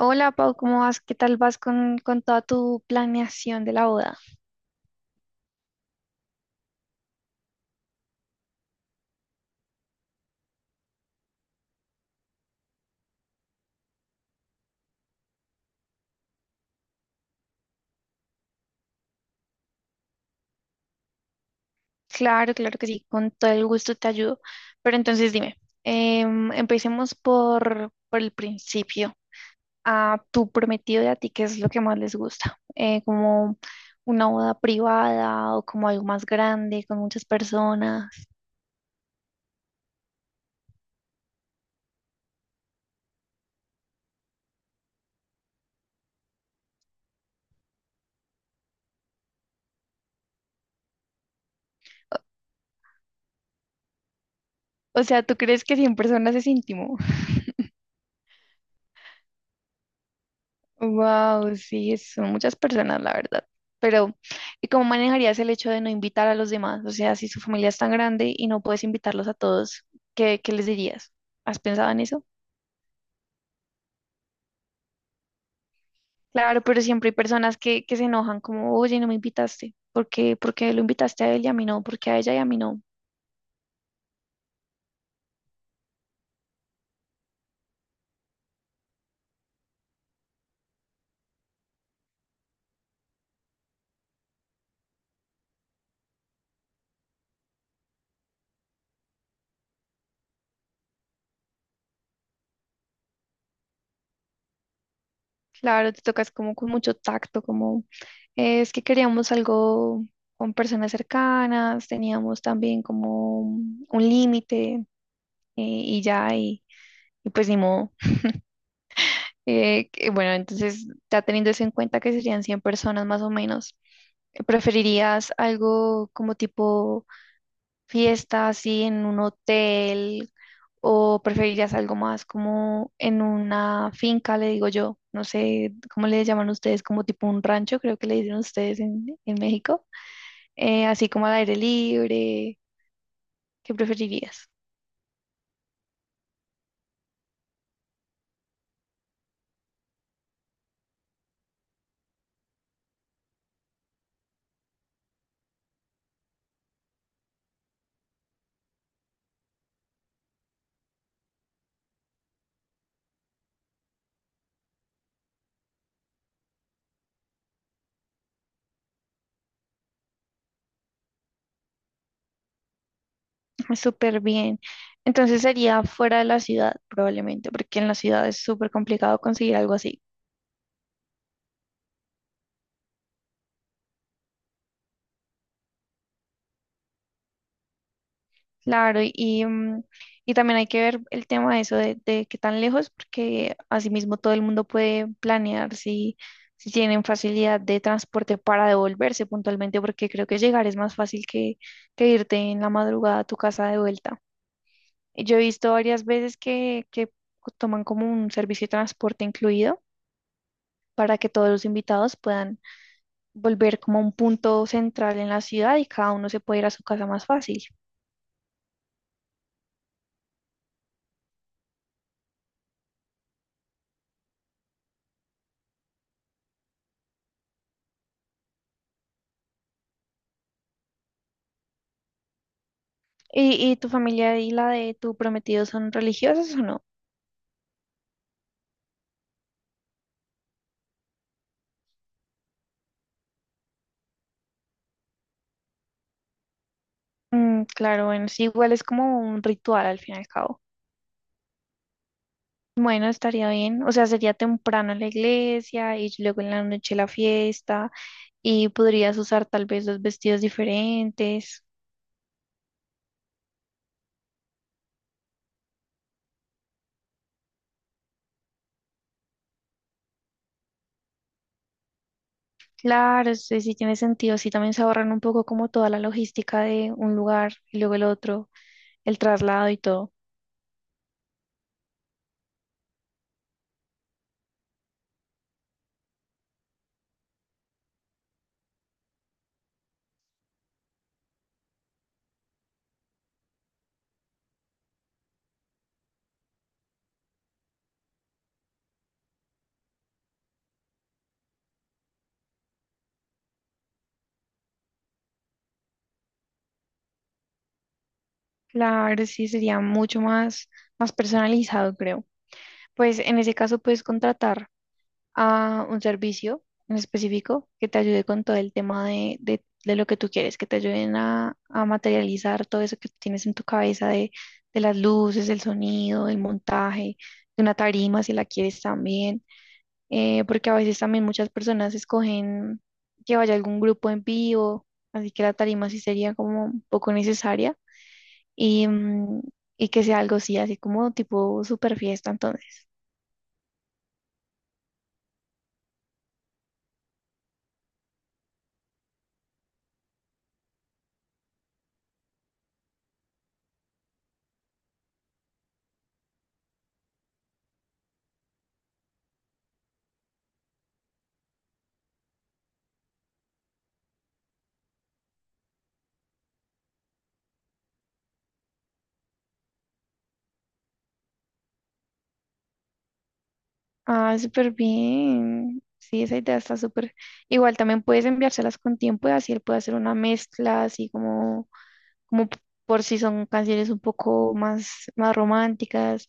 Hola Pau, ¿cómo vas? ¿Qué tal vas con toda tu planeación de la boda? Claro, claro que sí, con todo el gusto te ayudo. Pero entonces dime, empecemos por el principio. A tu prometido y a ti, ¿qué es lo que más les gusta? ¿Como una boda privada o como algo más grande, con muchas personas? O sea, ¿tú crees que 100 personas es íntimo? Wow, sí, son muchas personas, la verdad. Pero, ¿y cómo manejarías el hecho de no invitar a los demás? O sea, si su familia es tan grande y no puedes invitarlos a todos, ¿qué les dirías? ¿Has pensado en eso? Claro, pero siempre hay personas que se enojan como, oye, no me invitaste. ¿Por qué? ¿Por qué lo invitaste a él y a mí no? ¿Por qué a ella y a mí no? Claro, te tocas como con mucho tacto, como, es que queríamos algo con personas cercanas, teníamos también como un límite y ya, y pues ni modo. Bueno, entonces, ya teniendo eso en cuenta que serían 100 personas más o menos, ¿preferirías algo como tipo fiesta así en un hotel o preferirías algo más como en una finca, le digo yo? No sé cómo le llaman ustedes, como tipo un rancho, creo que le dicen ustedes en México. Así como al aire libre, ¿qué preferirías? Ah, súper bien. Entonces sería fuera de la ciudad probablemente, porque en la ciudad es súper complicado conseguir algo así. Claro, y, y también hay que ver el tema de eso de qué tan lejos, porque asimismo todo el mundo puede planear si, si tienen facilidad de transporte para devolverse puntualmente, porque creo que llegar es más fácil que irte en la madrugada a tu casa de vuelta. Y yo he visto varias veces que toman como un servicio de transporte incluido para que todos los invitados puedan volver como a un punto central en la ciudad y cada uno se puede ir a su casa más fácil. Y tu familia y la de tu prometido son religiosos o no? Mm, claro, bueno, sí, igual es como un ritual al fin y al cabo. Bueno, estaría bien. O sea, sería temprano en la iglesia y luego en la noche la fiesta y podrías usar tal vez 2 vestidos diferentes. Claro, sí, sí tiene sentido. Sí, también se ahorran un poco como toda la logística de un lugar y luego el otro, el traslado y todo. Claro, sí, sería mucho más, más personalizado, creo. Pues en ese caso puedes contratar a un servicio en específico que te ayude con todo el tema de lo que tú quieres, que te ayuden a materializar todo eso que tienes en tu cabeza de las luces, el sonido, el montaje, de una tarima si la quieres también, porque a veces también muchas personas escogen que vaya algún grupo en vivo, así que la tarima sí sería como un poco necesaria y, mm, y que sea algo así, así como tipo super fiesta. Ah, súper bien. Sí, esa idea está súper. Igual también puedes enviárselas con tiempo y así él puede hacer una mezcla, así como, como p- por si son canciones un poco más, más románticas,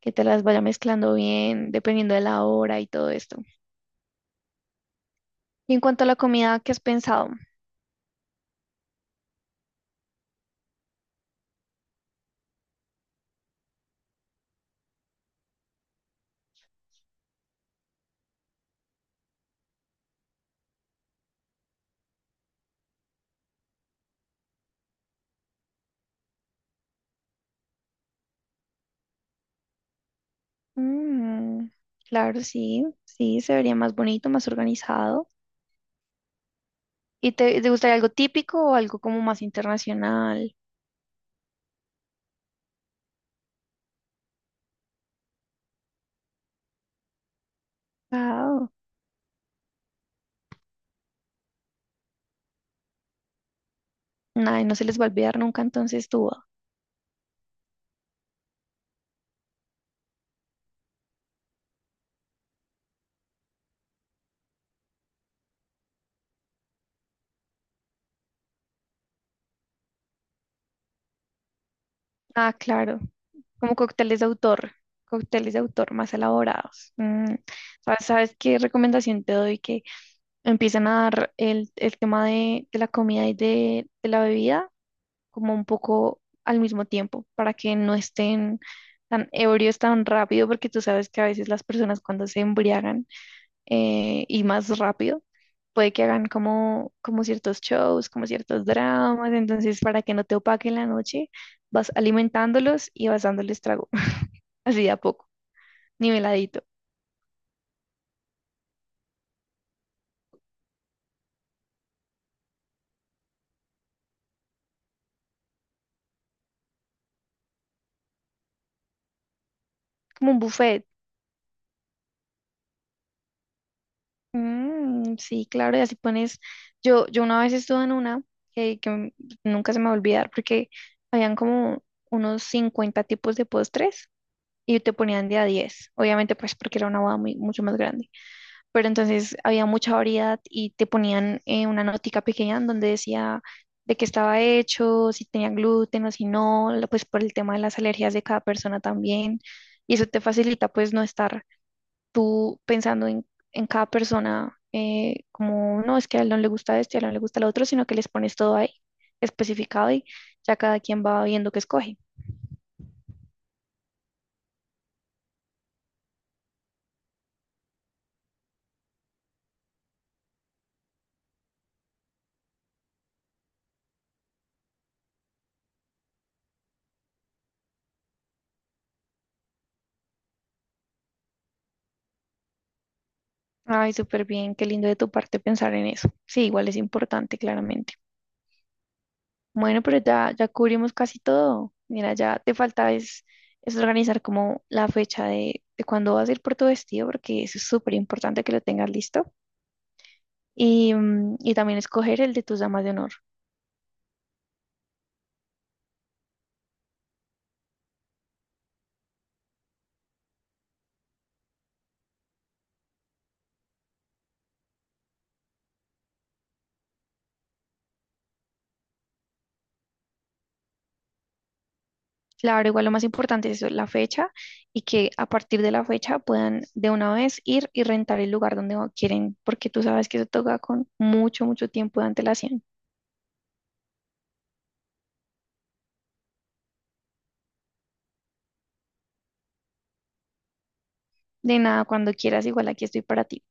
que te las vaya mezclando bien, dependiendo de la hora y todo esto. Y en cuanto a la comida, ¿qué has pensado? Mm, claro, sí, sí, se vería más bonito, más organizado. ¿Y te gustaría algo típico o algo como más internacional? Wow. Ay, no se les va a olvidar nunca entonces tú. Ah, claro, como cócteles de autor más elaborados. Mm, ¿sabes, sabes qué recomendación te doy? Que empiecen a dar el tema de la comida y de la bebida como un poco al mismo tiempo, para que no estén tan ebrios tan rápido, porque tú sabes que a veces las personas cuando se embriagan y más rápido. Puede que hagan como, como ciertos shows, como ciertos dramas, entonces para que no te opaquen la noche, vas alimentándolos y vas dándoles trago, así de a poco, niveladito, como un buffet. Mm, sí, claro, y así pones, yo una vez estuve en una eh, que m- nunca se me va a olvidar porque habían como unos 50 tipos de postres y te ponían de a 10 obviamente pues porque era una boda muy, mucho más grande. Pero entonces había mucha variedad y te ponían una notica pequeña en donde decía de qué estaba hecho, si tenía gluten o si no, pues por el tema de las alergias de cada persona también. Y eso te facilita pues no estar tú pensando en cada persona como, no, es que a él no le gusta esto y a él no le gusta lo otro, sino que les pones todo ahí especificado y ya cada quien va viendo qué escoge. Ay, súper bien, qué lindo de tu parte pensar en eso. Sí, igual es importante, claramente. Bueno, pero ya, ya cubrimos casi todo. Mira, ya te falta es organizar como la fecha de cuándo vas a ir por tu vestido, porque eso es súper importante que lo tengas listo. Y, mm, y también escoger el de tus damas de honor. Claro, igual lo más importante es eso, la fecha y que a partir de la fecha puedan de una vez ir y rentar el lugar quieren, porque tú sabes que eso toca con mucho, mucho tiempo de antelación. De nada, cuando quieras, igual aquí estoy para ti.